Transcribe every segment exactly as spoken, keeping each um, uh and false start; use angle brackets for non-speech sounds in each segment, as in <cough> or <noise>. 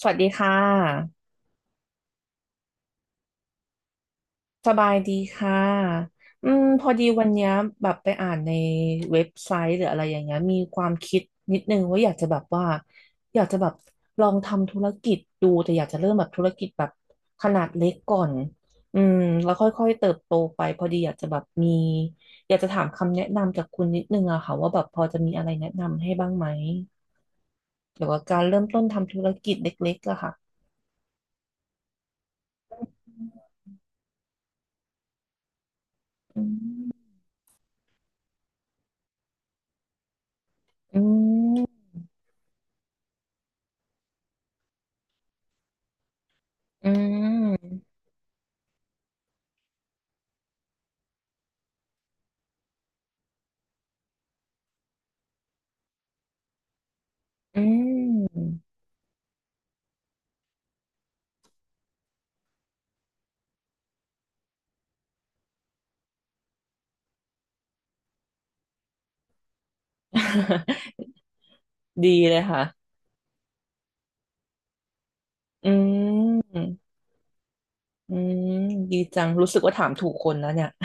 สวัสดีค่ะ สบายดีค่ะอืมพอดีวันเนี้ยแบบไปอ่านในเว็บไซต์หรืออะไรอย่างเงี้ยมีความคิดนิดนึงว่าอยากจะแบบว่าอยากจะแบบลองทำธุรกิจดูแต่อยากจะเริ่มแบบธุรกิจแบบขนาดเล็กก่อนอืมแล้วค่อยๆเติบโตไปพอดีอยากจะแบบมีอยากจะถามคำแนะนำจากคุณนิดนึงอะค่ะว่าแบบพอจะมีอะไรแนะนำให้บ้างไหมเกี่ยวกับการเริ่มต้นทำธุรกิจเล็กๆอะค่ะ อืมอืมอืม อืม <laughs> ดีเลยค่ะ อืม อืม ดีจัง รู้สึกว่าถามถูกคนแล้วเนี่ย <laughs>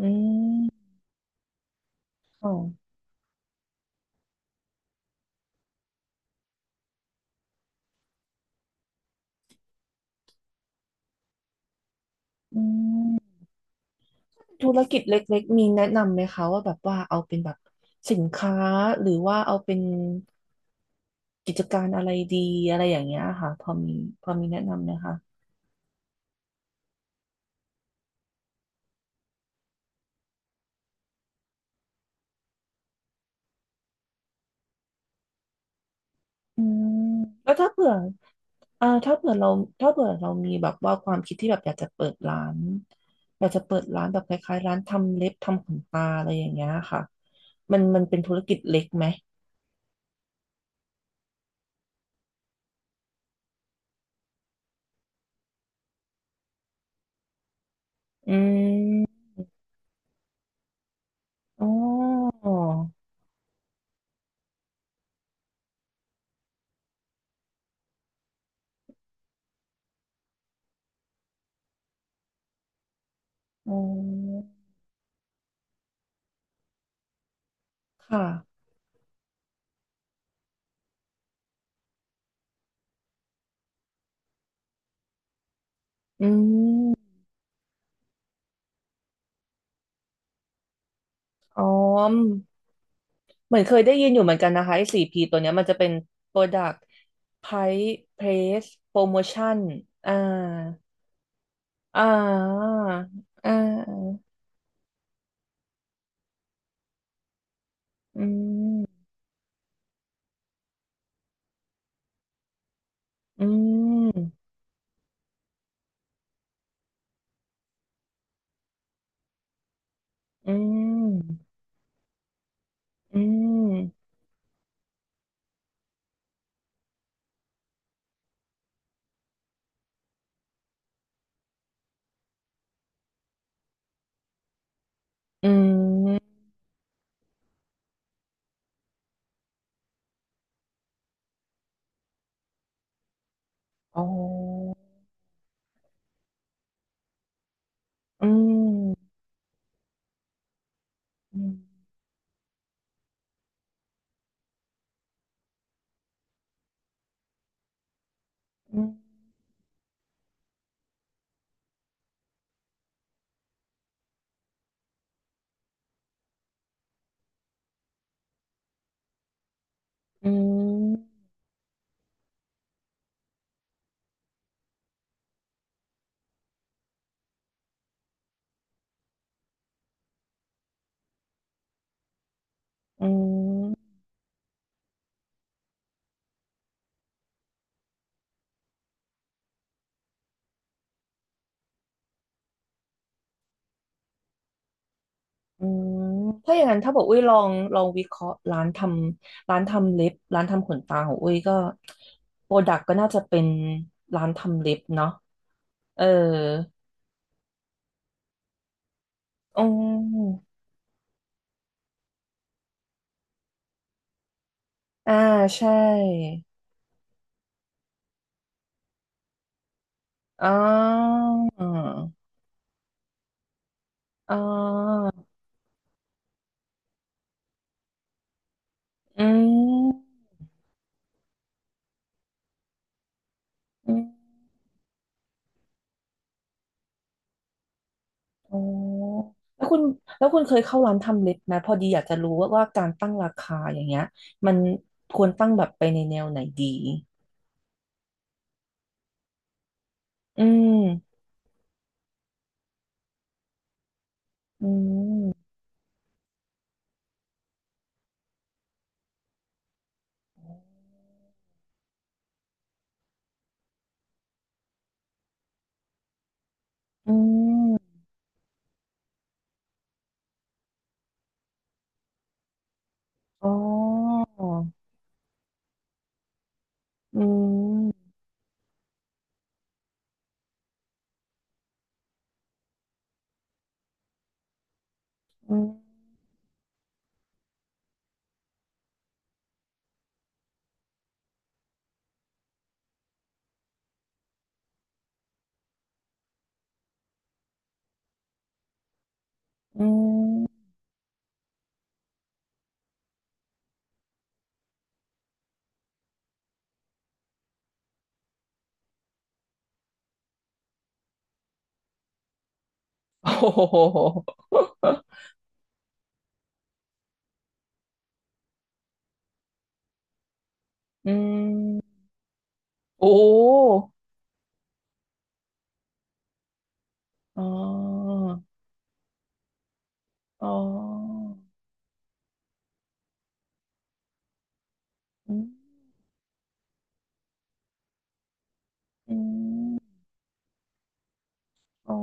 อืมค่ะอืมธุรกิจเล็กๆ มีแนะนำไหมคะว่าแบบว่าเอาเป็นแบบสินค้าหรือว่าเอาเป็นกิจการอะไรดีอะไรอย่างเงี้ยค่ะพอมีพอมีแนะนำไหมคะ แล้วถ้าเผื่ออ่าถ้าเผื่อเราถ้าเผื่อเรามีแบบว่าความคิดที่แบบอยากจะเปิดร้าน อยากจะเปิดร้านแบบคล้ายๆร้านทำเล็บทำขนตาอะไรอย่างเงี้ยค่ะมันมันเป็นธุรกิจเล็กไหม อืมอ๋ออ๋อค่ะ อืมอ๋อเหมือนเคยได้ยินอยู่เหมือนกันนะคะไอ้สี่พีตัวเนี้ยมันจะเป็น Product Price Place Promotion อ่าอ่าอ่าอืม อืมอืมอืมอืมอ๋ออืมอืมอืมอืมอืมอืมถ้าอย่างนั้นถ้าบอกอุ้ยลองลองวิเคราะห์ร้านทำร้านทำเล็บร้านทำขนตาของอุ้ยก็โปรดักก็น่าจะเป็นร้านทำเล็บเนาะเอออืมอ่าใช่อ๋ออ๋ออืมอืม อ๋อแล้วคุณแล้วคุณเคยเข้าร้านทำเล็บไหมพอดีอยากจะรู้ว่าว่าการตั้งราคาอย่างเงี้ยมันควรตั้งแบบไปในแนวไหนดี อืม อืมอ๋ออืม อืมอืมโอ้โหอืมโอ้อ๋ออ๋ออืมอืม อ๋อ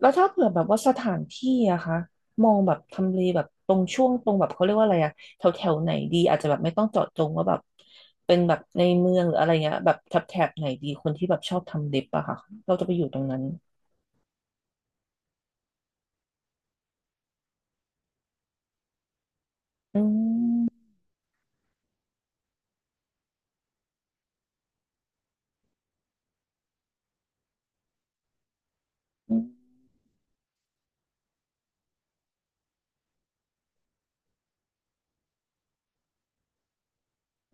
แล้วถ้าเผื่อแบบว่าสถานที่อะคะมองแบบทำเลแบบตรงช่วงตรงแบบเขาเรียกว่าอะไรอะแถวแถวไหนดีอาจจะแบบไม่ต้องเจาะจงว่าแบบเป็นแบบในเมืองหรืออะไรเงี้ยแบบแถบแถบไหนดีคนที่แบบชอบทำเล็บอะค่ะเราจะไปอยู่ตรงนั้นอืม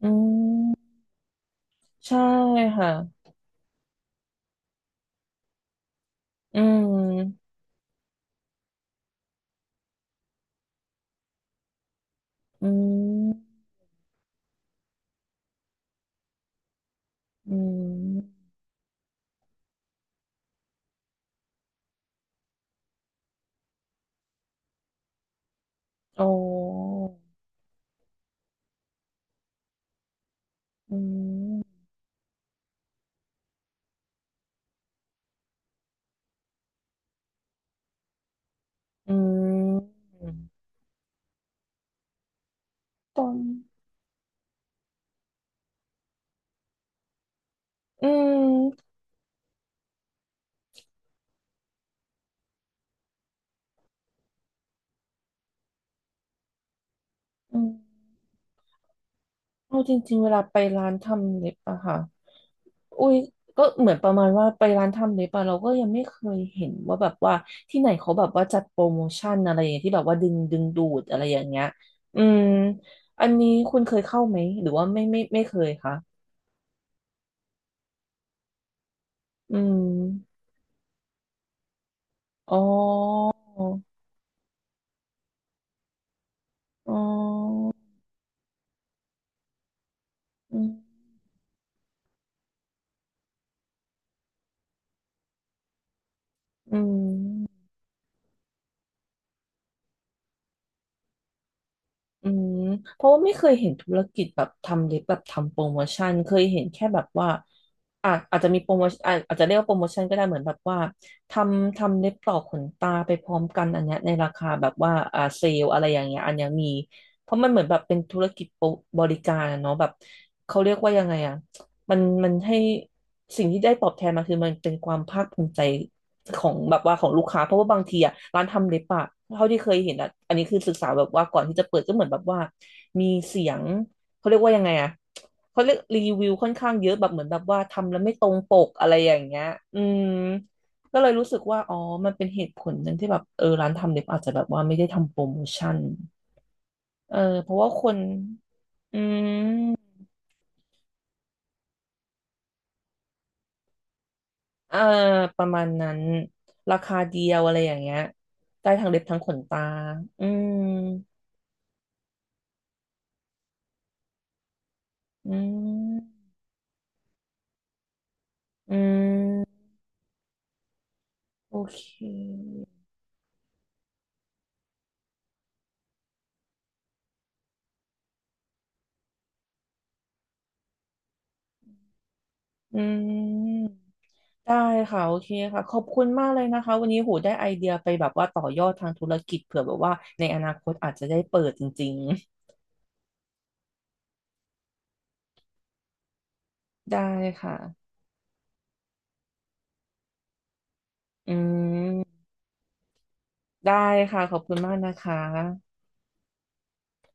อืมใช่ค่ะอืมอืมอืมโอ้อืมอืมตอนอืมอืม เอาจริงๆเวลาไปร้านทำเล็บอะค่ะอุ้ยก็เหมือนประมาณว่าไปร้านทำเล็บอะเราก็ยังไม่เคยเห็นว่าแบบว่าที่ไหนเขาแบบว่าจัดโปรโมชั่นอะไรอย่างเงี้ยที่แบบว่าดึงดึงดูดอะไรอย่างเงี้ย อืมอันนี้คุณเคยเข้าไหมหรือว่าไม่ไม่ไม่เคยคะอืมอ๋ออ๋ออืมอืม อืมเพราะว่าไม่เคยเห็นธุรกิจแบบทำเล็บแบบทำโปรโมชั่นเคยเห็นแค่แบบว่าอ่ะอาจจะมีโปรโมชั่นอะอาจจะเรียกว่าโปรโมชั่นก็ได้เหมือนแบบว่าทำทำเล็บต่อขนตาไปพร้อมกันอันเนี้ยในราคาแบบว่าอ่าเซลอะไรอย่างเงี้ยอันเนี้ยมีเพราะมันเหมือนแบบเป็นธุรกิจโปรบริการอะเนาะแบบเขาเรียกว่ายังไงอ่ะมันมันให้สิ่งที่ได้ตอบแทนมาคือมันเป็นความภาคภูมิใจ ของแบบว่าของลูกค้าเพราะว่าบางทีอะร้านทำเล็บอะเท่าที่เคยเห็นอะอันนี้คือศึกษาแบบว่าก่อนที่จะเปิดก็เหมือนแบบว่ามีเสียงเขาเรียกว่ายังไงอะเขาเรียกรีวิวค่อนข้างเยอะแบบเหมือนแบบว่าทำแล้วไม่ตรงปกอะไรอย่างเงี้ยอืมก็เลยรู้สึกว่าอ๋อมันเป็นเหตุผลหนึงที่แบบเออร้านทำเล็บอาจจะแบบว่าไม่ได้ทำโปรโมชั่นเออเพราะว่าคนอืมเออประมาณนั้นราคาเดียวอะไรอย่างเงี้ยได้ทั้งเล็บทั้งขนตาอืม อืมอืมโอเคอืมได้ค่ะ โอเคค่ะขอบคุณมากเลยนะคะ วันนี้หูได้ไอเดียไปแบบว่าต่อยอดทางธุรกิจเผื่อแบบว่าในอนาคตอาจจะได้เปิดจริงๆ ได้ค่ะอืมได้ค่ะขอบคุณมากนะคะ